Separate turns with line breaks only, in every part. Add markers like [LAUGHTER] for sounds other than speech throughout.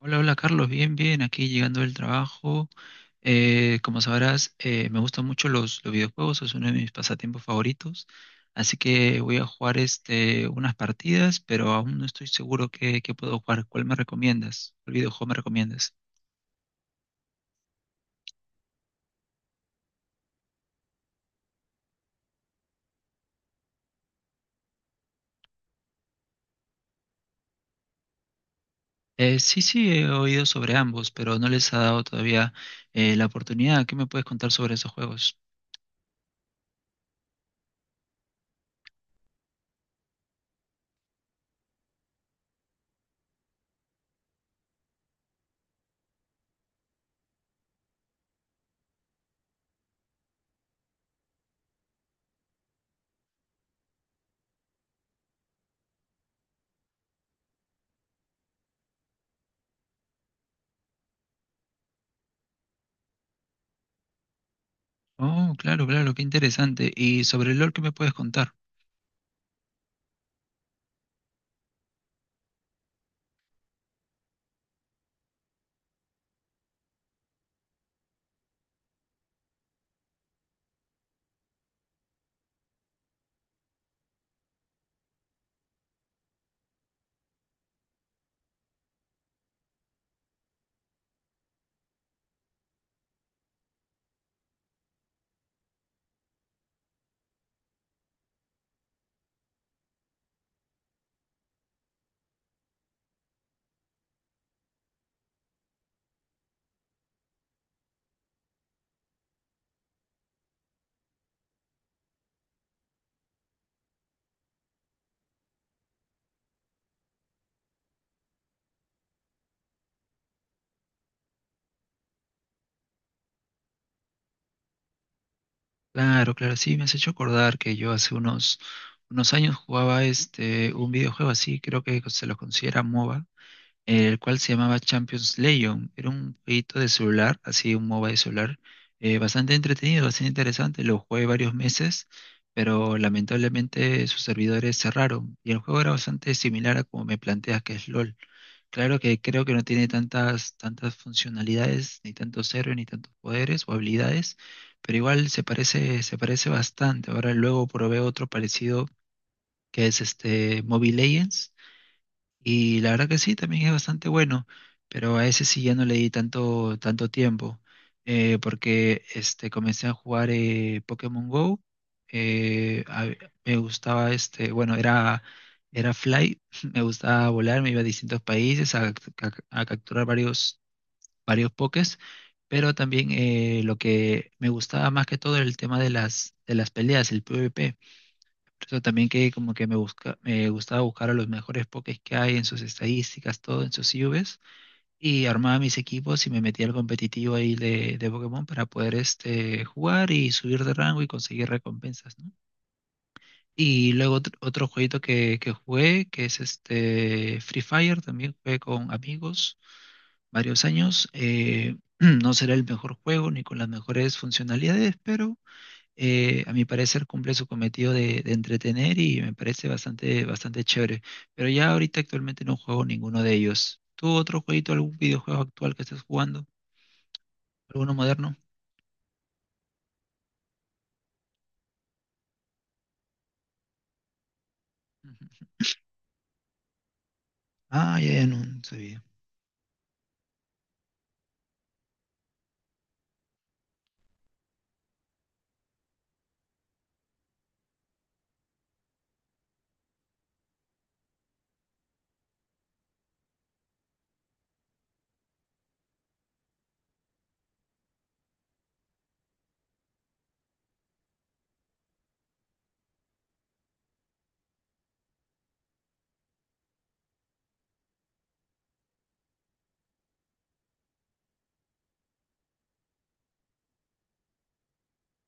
Hola, hola Carlos, bien, bien, aquí llegando del trabajo. Como sabrás, me gustan mucho los videojuegos, es uno de mis pasatiempos favoritos, así que voy a jugar unas partidas, pero aún no estoy seguro qué puedo jugar. ¿Cuál me recomiendas? ¿Cuál videojuego me recomiendas? Sí, sí, he oído sobre ambos, pero no les ha dado todavía la oportunidad. ¿Qué me puedes contar sobre esos juegos? Oh, claro, claro, qué interesante. ¿Y sobre el LoL qué me puedes contar? Claro, claro, sí, me has hecho acordar que yo hace unos años jugaba un videojuego así, creo que se lo considera MOBA, el cual se llamaba Champions Legion. Era un jueguito de celular, así un MOBA de celular, bastante entretenido, bastante interesante. Lo jugué varios meses, pero lamentablemente sus servidores cerraron y el juego era bastante similar a como me planteas que es LOL. Claro que creo que no tiene tantas funcionalidades, ni tantos héroes, ni tantos poderes o habilidades, pero igual se parece bastante. Ahora luego probé otro parecido que es este Mobile Legends. Y la verdad que sí, también es bastante bueno, pero a ese sí ya no le di tanto tiempo, porque comencé a jugar Pokémon Go. eh, a- Me gustaba, bueno, era Fly, [LAUGHS] me gustaba volar, me iba a distintos países a capturar varios Pokés, pero también lo que me gustaba más que todo era el tema de de las peleas, el PvP. Por eso también que como que me gustaba buscar a los mejores pokés que hay en sus estadísticas, todo en sus IVs, y armaba mis equipos y me metía al competitivo ahí de Pokémon para poder jugar y subir de rango y conseguir recompensas, ¿no? Y luego otro jueguito que jugué, que es este Free Fire, también jugué con amigos varios años. [CLEARS THROAT] No será el mejor juego ni con las mejores funcionalidades, pero a mi parecer cumple su cometido de entretener y me parece bastante, bastante chévere. Pero ya ahorita actualmente no juego ninguno de ellos. ¿Tú otro jueguito, algún videojuego actual que estés jugando? ¿Alguno moderno? Ujú. Ah, ya, ya no sabía.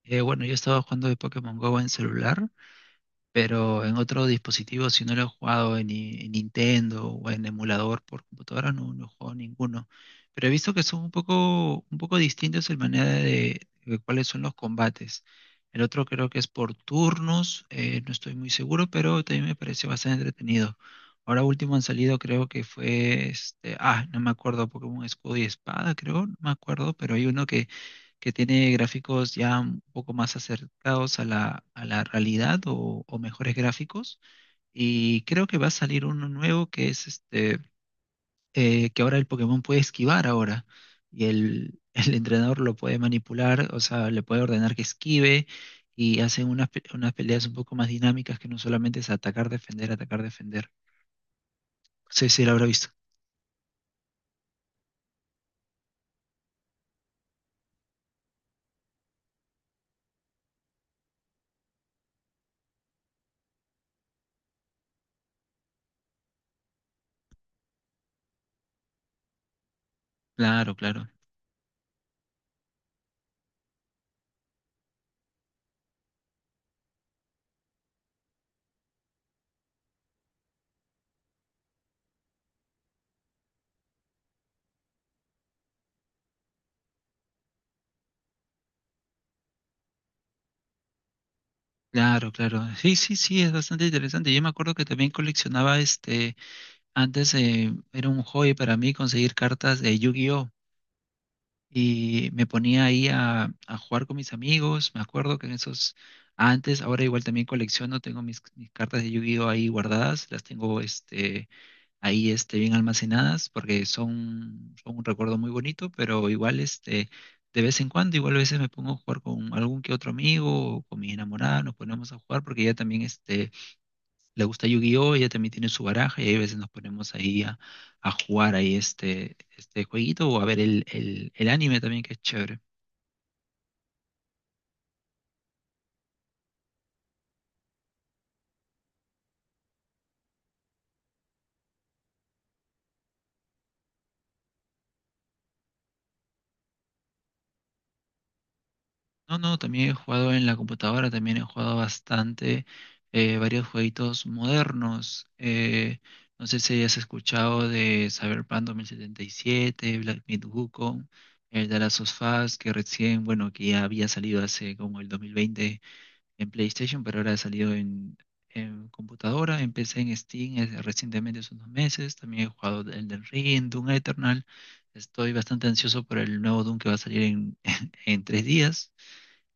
Bueno, yo estaba jugando de Pokémon Go en celular, pero en otro dispositivo, si no lo he jugado en, ni- en Nintendo o en emulador por computadora, no, no he jugado ninguno. Pero he visto que son un poco distintos en manera de cuáles son los combates. El otro creo que es por turnos, no estoy muy seguro, pero también me pareció bastante entretenido. Ahora último han salido, creo que fue no me acuerdo, Pokémon Escudo y Espada, creo, no me acuerdo, pero hay uno que tiene gráficos ya un poco más acercados a a la realidad o mejores gráficos. Y creo que va a salir uno nuevo que es que ahora el Pokémon puede esquivar ahora. Y el, [LAUGHS] el entrenador lo puede manipular, o sea, le puede ordenar que esquive. Y hacen unas peleas un poco más dinámicas que no solamente es atacar, defender, atacar, defender. Sí, sí, lo habrá visto. Claro, claro. Claro, claro. Sí, sí, sí, es bastante interesante. Yo me acuerdo que también coleccionaba. Antes era un hobby para mí conseguir cartas de Yu-Gi-Oh! Y me ponía ahí a jugar con mis amigos. Me acuerdo que en esos antes, ahora igual también colecciono, tengo mis cartas de Yu-Gi-Oh! Ahí guardadas, las tengo ahí bien almacenadas porque son un recuerdo muy bonito, pero igual de vez en cuando, igual a veces me pongo a jugar con algún que otro amigo o con mi enamorada, nos ponemos a jugar porque ya también le gusta Yu-Gi-Oh! Ella también tiene su baraja y a veces nos ponemos ahí a jugar ahí este jueguito o a ver el anime también que es chévere. No, no, también he jugado en la computadora, también he jugado bastante varios jueguitos modernos. No sé si hayas escuchado de Cyberpunk 2077, Black Myth Wukong, el de Last of Us, que recién, bueno, que ya había salido hace como el 2020 en PlayStation, pero ahora ha salido en computadora. Empecé en Steam recientemente, hace unos meses. También he jugado el del Ring, Doom Eternal. Estoy bastante ansioso por el nuevo Doom que va a salir en, [LAUGHS] en 3 días.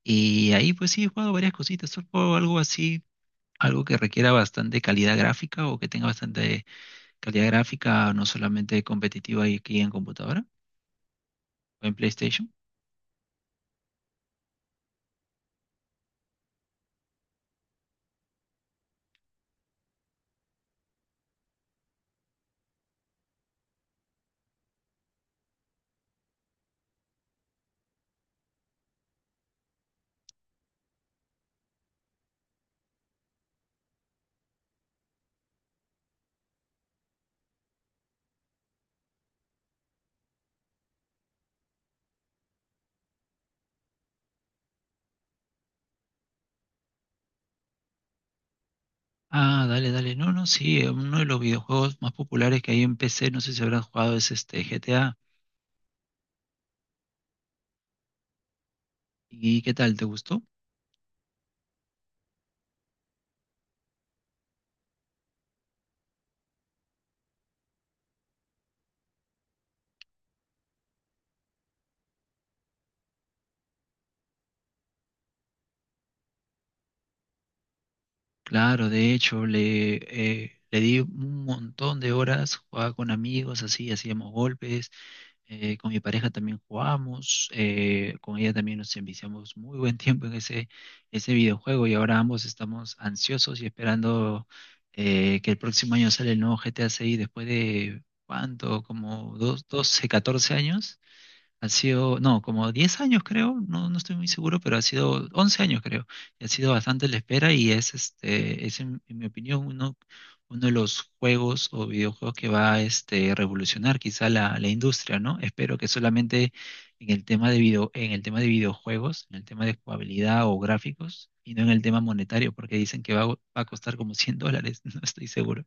Y ahí pues sí he jugado varias cositas. Solo juego algo así, algo que requiera bastante calidad gráfica o que tenga bastante calidad gráfica, no solamente competitiva y aquí en computadora o en PlayStation. Ah, dale, dale. No, no, sí, uno de los videojuegos más populares que hay en PC, no sé si habrás jugado, es este GTA. ¿Y qué tal? ¿Te gustó? Claro, de hecho, le di un montón de horas, jugaba con amigos, así, hacíamos golpes, con mi pareja también jugamos, con ella también nos enviciamos muy buen tiempo en ese videojuego y ahora ambos estamos ansiosos y esperando que el próximo año sale el nuevo GTA 6 después de, ¿cuánto? Como dos 12, 14 años. Ha sido, no, como 10 años creo, no, no estoy muy seguro, pero ha sido 11 años creo. Y ha sido bastante la espera y es en mi opinión uno de los juegos o videojuegos que va a revolucionar quizá la industria, ¿no? Espero que solamente en el tema de video, en el tema de videojuegos, en el tema de jugabilidad o gráficos, y no en el tema monetario, porque dicen que va a costar como $100, [LAUGHS] no estoy seguro.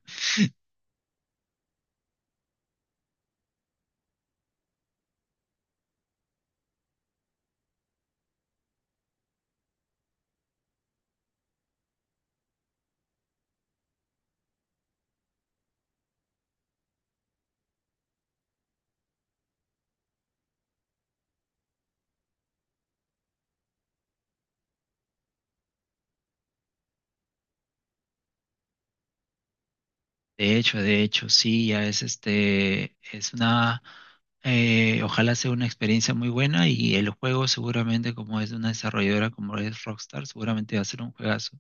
De hecho, sí, ya es este, es una, ojalá sea una experiencia muy buena y el juego seguramente como es de una desarrolladora como es Rockstar, seguramente va a ser un juegazo.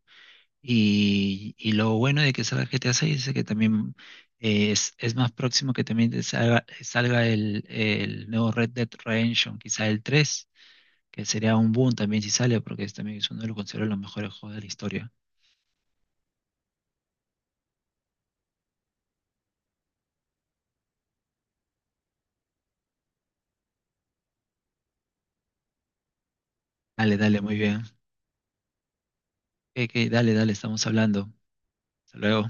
Y lo bueno de que salga GTA 6 es que también es más próximo que también salga el nuevo Red Dead Redemption, quizá el 3 que sería un boom también si sale, porque es, también es uno de los considero los mejores juegos de la historia. Dale, dale, muy bien. Ok, ok, dale, dale, estamos hablando. Hasta luego.